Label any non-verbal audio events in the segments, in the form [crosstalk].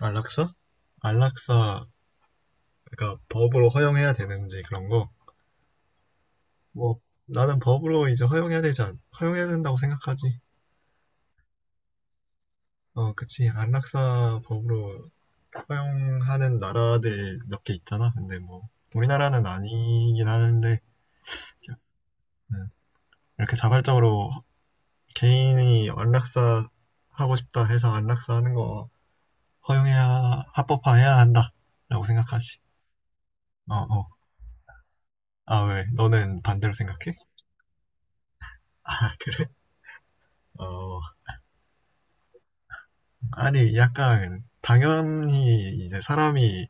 안락사? 안락사가 법으로 허용해야 되는지 그런 거? 뭐 나는 법으로 이제 허용해야 된다고 생각하지. 어, 그치. 안락사 법으로 허용하는 나라들 몇 개 있잖아. 근데 뭐 우리나라는 아니긴 하는데 음, 이렇게 자발적으로 개인이 안락사 하고 싶다 해서 안락사 하는 거 허용해야 합법화해야 한다라고 생각하지. 어, 어. 아, 왜? 너는 반대로 생각해? 아, 그래? 어, 아니 약간 당연히 이제 사람이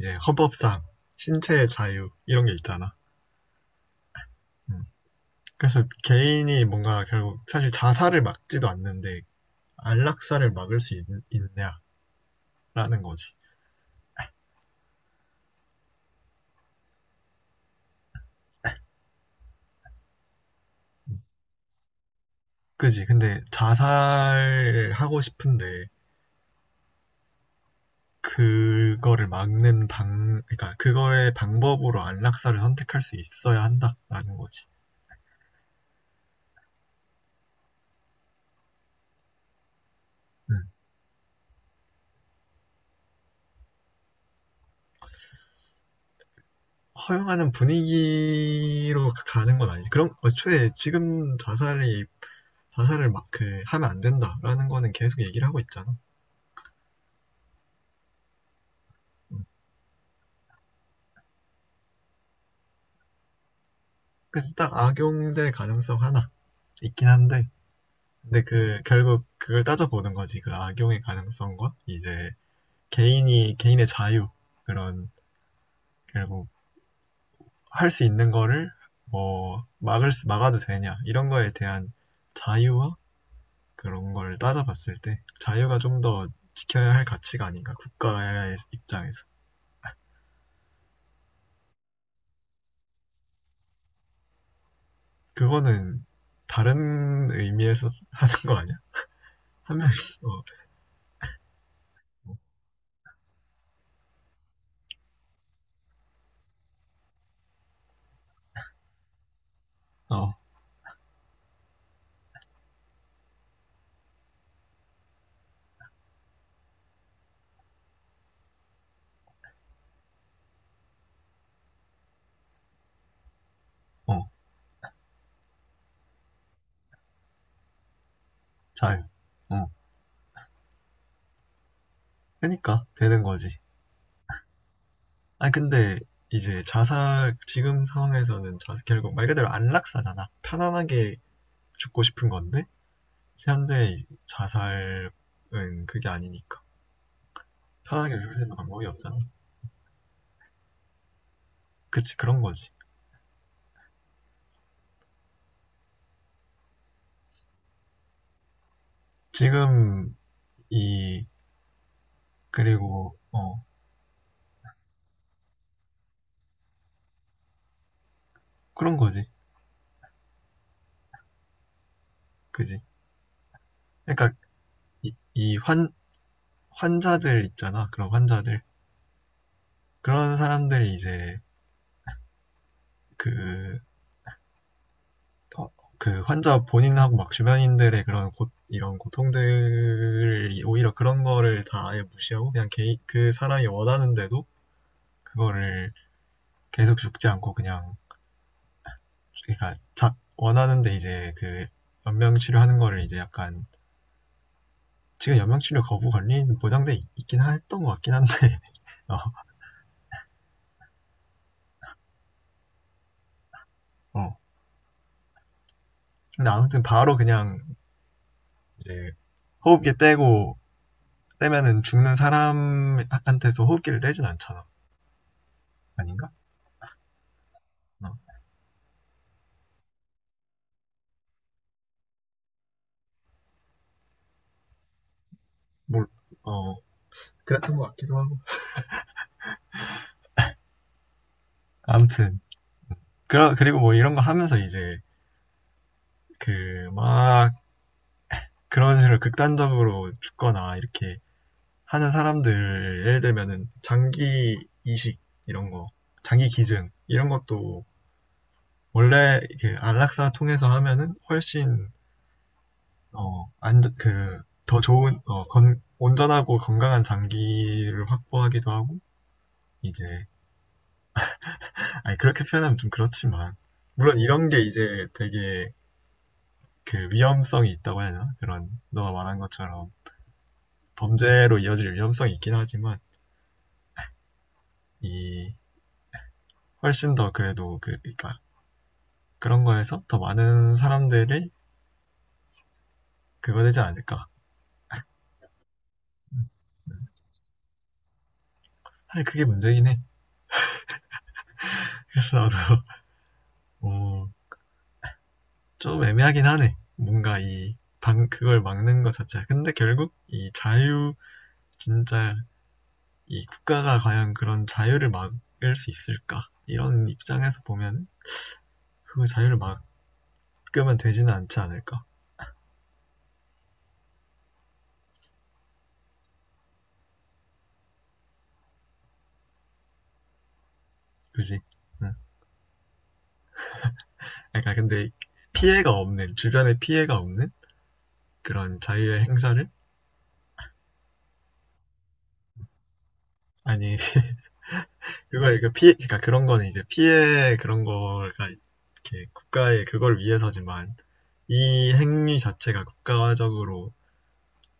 이제 헌법상 신체의 자유 이런 게 있잖아. 음. 그래서 개인이 뭔가 결국 사실 자살을 막지도 않는데 안락사를 막을 수 있, 있냐라는 거지. 그지? 근데 자살하고 싶은데 그러니까 그거의 방법으로 안락사를 선택할 수 있어야 한다라는 거지. 음. 허용하는 분위기로 가는 건 아니지. 그럼 애초에 지금 자살이 자살을 막, 그, 하면 안 된다라는 거는 계속 얘기를 하고 있잖아. 음. 그래서 딱 악용될 가능성 하나 있긴 한데, 근데 그, 결국 그걸 따져보는 거지. 그 악용의 가능성과 이제 개인의 자유, 그런, 결국 할 수 있는 거를 뭐, 막아도 되냐, 이런 거에 대한 자유와 그런 걸 따져봤을 때, 자유가 좀 더 지켜야 할 가치가 아닌가, 국가의 입장에서. 그거는 다른 의미에서 [laughs] 하는 거 아니야? 한 명이 [laughs] 어, 어, 어, 잘, 어, 그러니까 되는 거지. 아니 근데 이제 자살 지금 상황에서는 자살 결국 말 그대로 안락사잖아. 편안하게 죽고 싶은 건데 현재 자살은 그게 아니니까 편하게 죽을 수 있는 방법이 없잖아. 그치 그런 거지. 지금 이 그리고 어 그런 거지. 그지. 그러니까 이 이 환 환자들 있잖아. 그런 환자들 그런 사람들이 이제 그 어, 그 환자 본인하고 막 주변인들의 이런 고통들을 오히려 그런 거를 다 아예 무시하고 그 사람이 원하는데도 그거를 계속 죽지 않고 그냥 원하는데 이제 그 연명 치료하는 거를 이제 약간 지금 연명 치료 거부 권리는 있긴 했던 것 같긴 한데 [laughs] 어, 어. 근데 아무튼 바로 그냥 이제 호흡기 떼고 떼면은 죽는 사람한테서 호흡기를 떼진 않잖아 아닌가? 어, 뭘, 어, 그랬던 것 같기도 하고. 아무튼 그리고 뭐 이런 거 하면서 이제 그 막 그런 식으로 극단적으로 죽거나 이렇게 하는 사람들 예를 들면은 장기 이식 이런 거 장기 기증 이런 것도 원래 그 안락사 통해서 하면은 훨씬 어안그더 좋은 온전하고 건강한 장기를 확보하기도 하고 이제 아니 그렇게 표현하면 좀 그렇지만 물론 이런 게 이제 되게 그 위험성이 있다고 해야 하나 그런 너가 말한 것처럼 범죄로 이어질 위험성이 있긴 하지만 이 훨씬 더 그래도 그러니까 그런 거에서 더 많은 사람들이 그거 되지 않을까. 사실 그게 문제긴 해. [laughs] 그래서 나도 어, 좀 애매하긴 하네. 그걸 막는 것 자체가. 근데 결국 이 자유, 진짜 이 국가가 과연 그런 자유를 막을 수 있을까? 이런 입장에서 보면 그 자유를 막으면 되지는 않지 않을까? 그지? 음. 그러니까 근데 피해가 없는 주변에 피해가 없는 그런 자유의 행사를 아니 [laughs] 그걸 그 피해 그러니까 그런 거는 이제 피해 그런 거가 이렇게 국가의 그걸 위해서지만 이 행위 자체가 국가적으로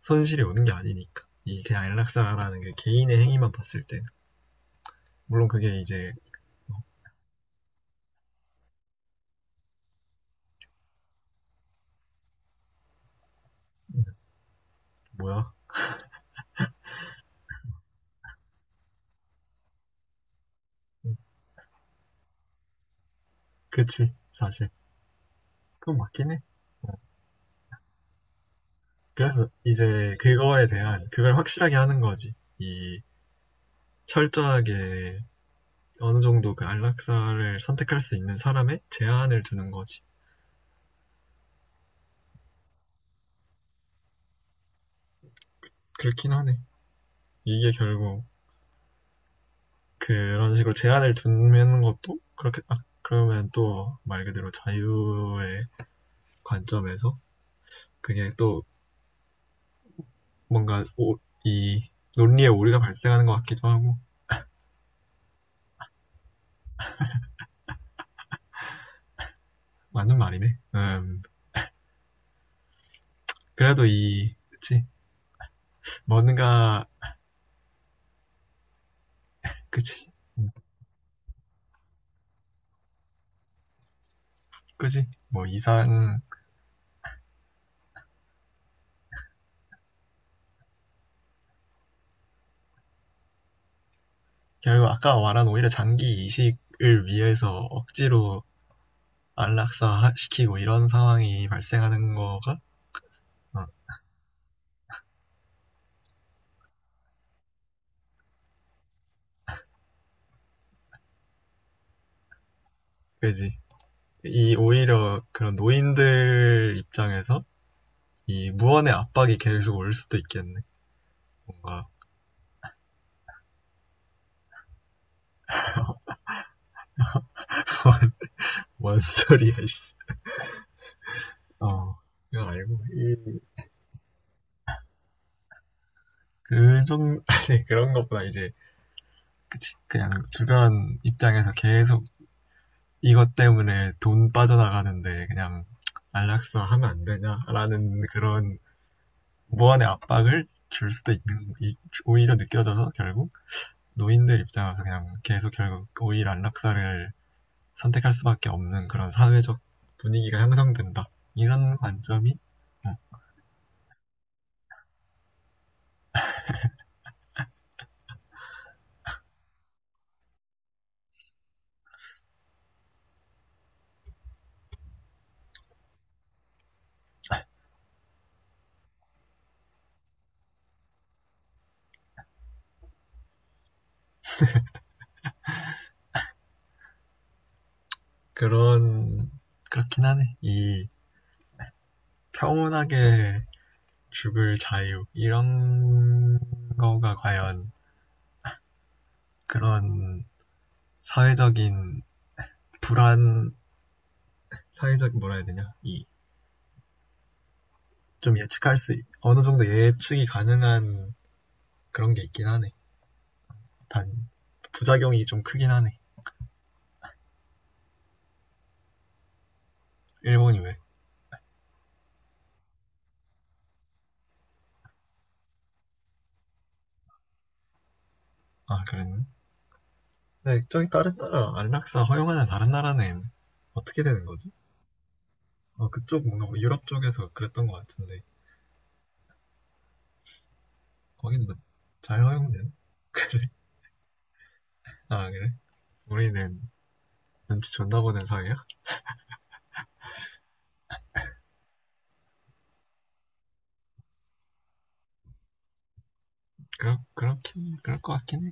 손실이 오는 게 아니니까 이 그냥 안락사라는 게 개인의 행위만 봤을 때 물론 그게 이제 뭐야 그치 사실 그건 맞긴 해 그래서 이제 그거에 대한 그걸 확실하게 하는 거지 이 철저하게 어느 정도 그 안락사를 선택할 수 있는 사람의 제한을 두는 거지. 그렇긴 하네. 이게 결국 그런 식으로 제한을 두는 것도 그렇게 아, 그러면 또 말 그대로 자유의 관점에서 그게 또 뭔가 오, 이 논리에 오류가 발생하는 것 같기도 하고 맞는 말이네. 그래도 이 그치 뭔가 그치 음, 그치 뭐 이상 결국 아까 말한 오히려 장기 이식을 위해서 억지로 안락사 시키고 이런 상황이 발생하는 거가 어, 그지. 이 오히려 그런 노인들 입장에서 이 무언의 압박이 계속 올 수도 있겠네. 뭔가 [laughs] 원 소리야. 어. 그거 말고 이그좀 [laughs] 아니 그런 것보다 이제 그치 그냥 주변 입장에서 계속 이것 때문에 돈 빠져나가는데 그냥 안락사 하면 안 되냐라는 그런 무한의 압박을 줄 수도 있는 오히려 느껴져서 결국 노인들 입장에서 그냥 계속 결국 오히려 안락사를 선택할 수밖에 없는 그런 사회적 분위기가 형성된다 이런 관점이 그런 그렇긴 하네 이 평온하게 죽을 자유 이런 거가 과연 그런 사회적인 불안 사회적 뭐라 해야 되냐 이 어느 정도 예측이 가능한 그런 게 있긴 하네 단 부작용이 좀 크긴 하네. 일본이 왜? 아, 그랬네. 근데 저기 다른 나라 안락사 허용하는 다른 나라는 어떻게 되는 거지? 어, 그쪽 뭔가 뭐 유럽 쪽에서 그랬던 것 같은데 거긴 뭐잘 허용된? 아 그래? 우리는 눈치 존나 보는 사회야? 그럴 그렇긴 그럴 것 같긴 해.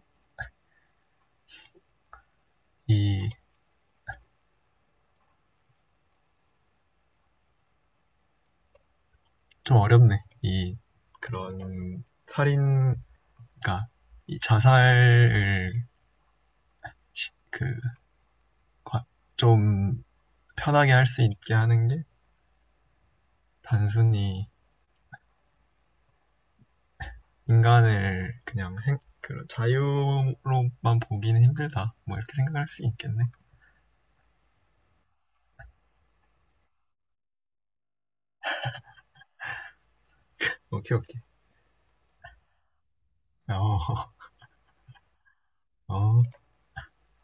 이 좀 어렵네. 이 그런 살인 그러니까 이 자살을 그 좀 편하게 할 수 있게 하는 게 단순히 인간을 그 자유로만 보기는 힘들다. 뭐 이렇게 생각할 수 있겠네. 오케이, 오케이. 어, [laughs] 어.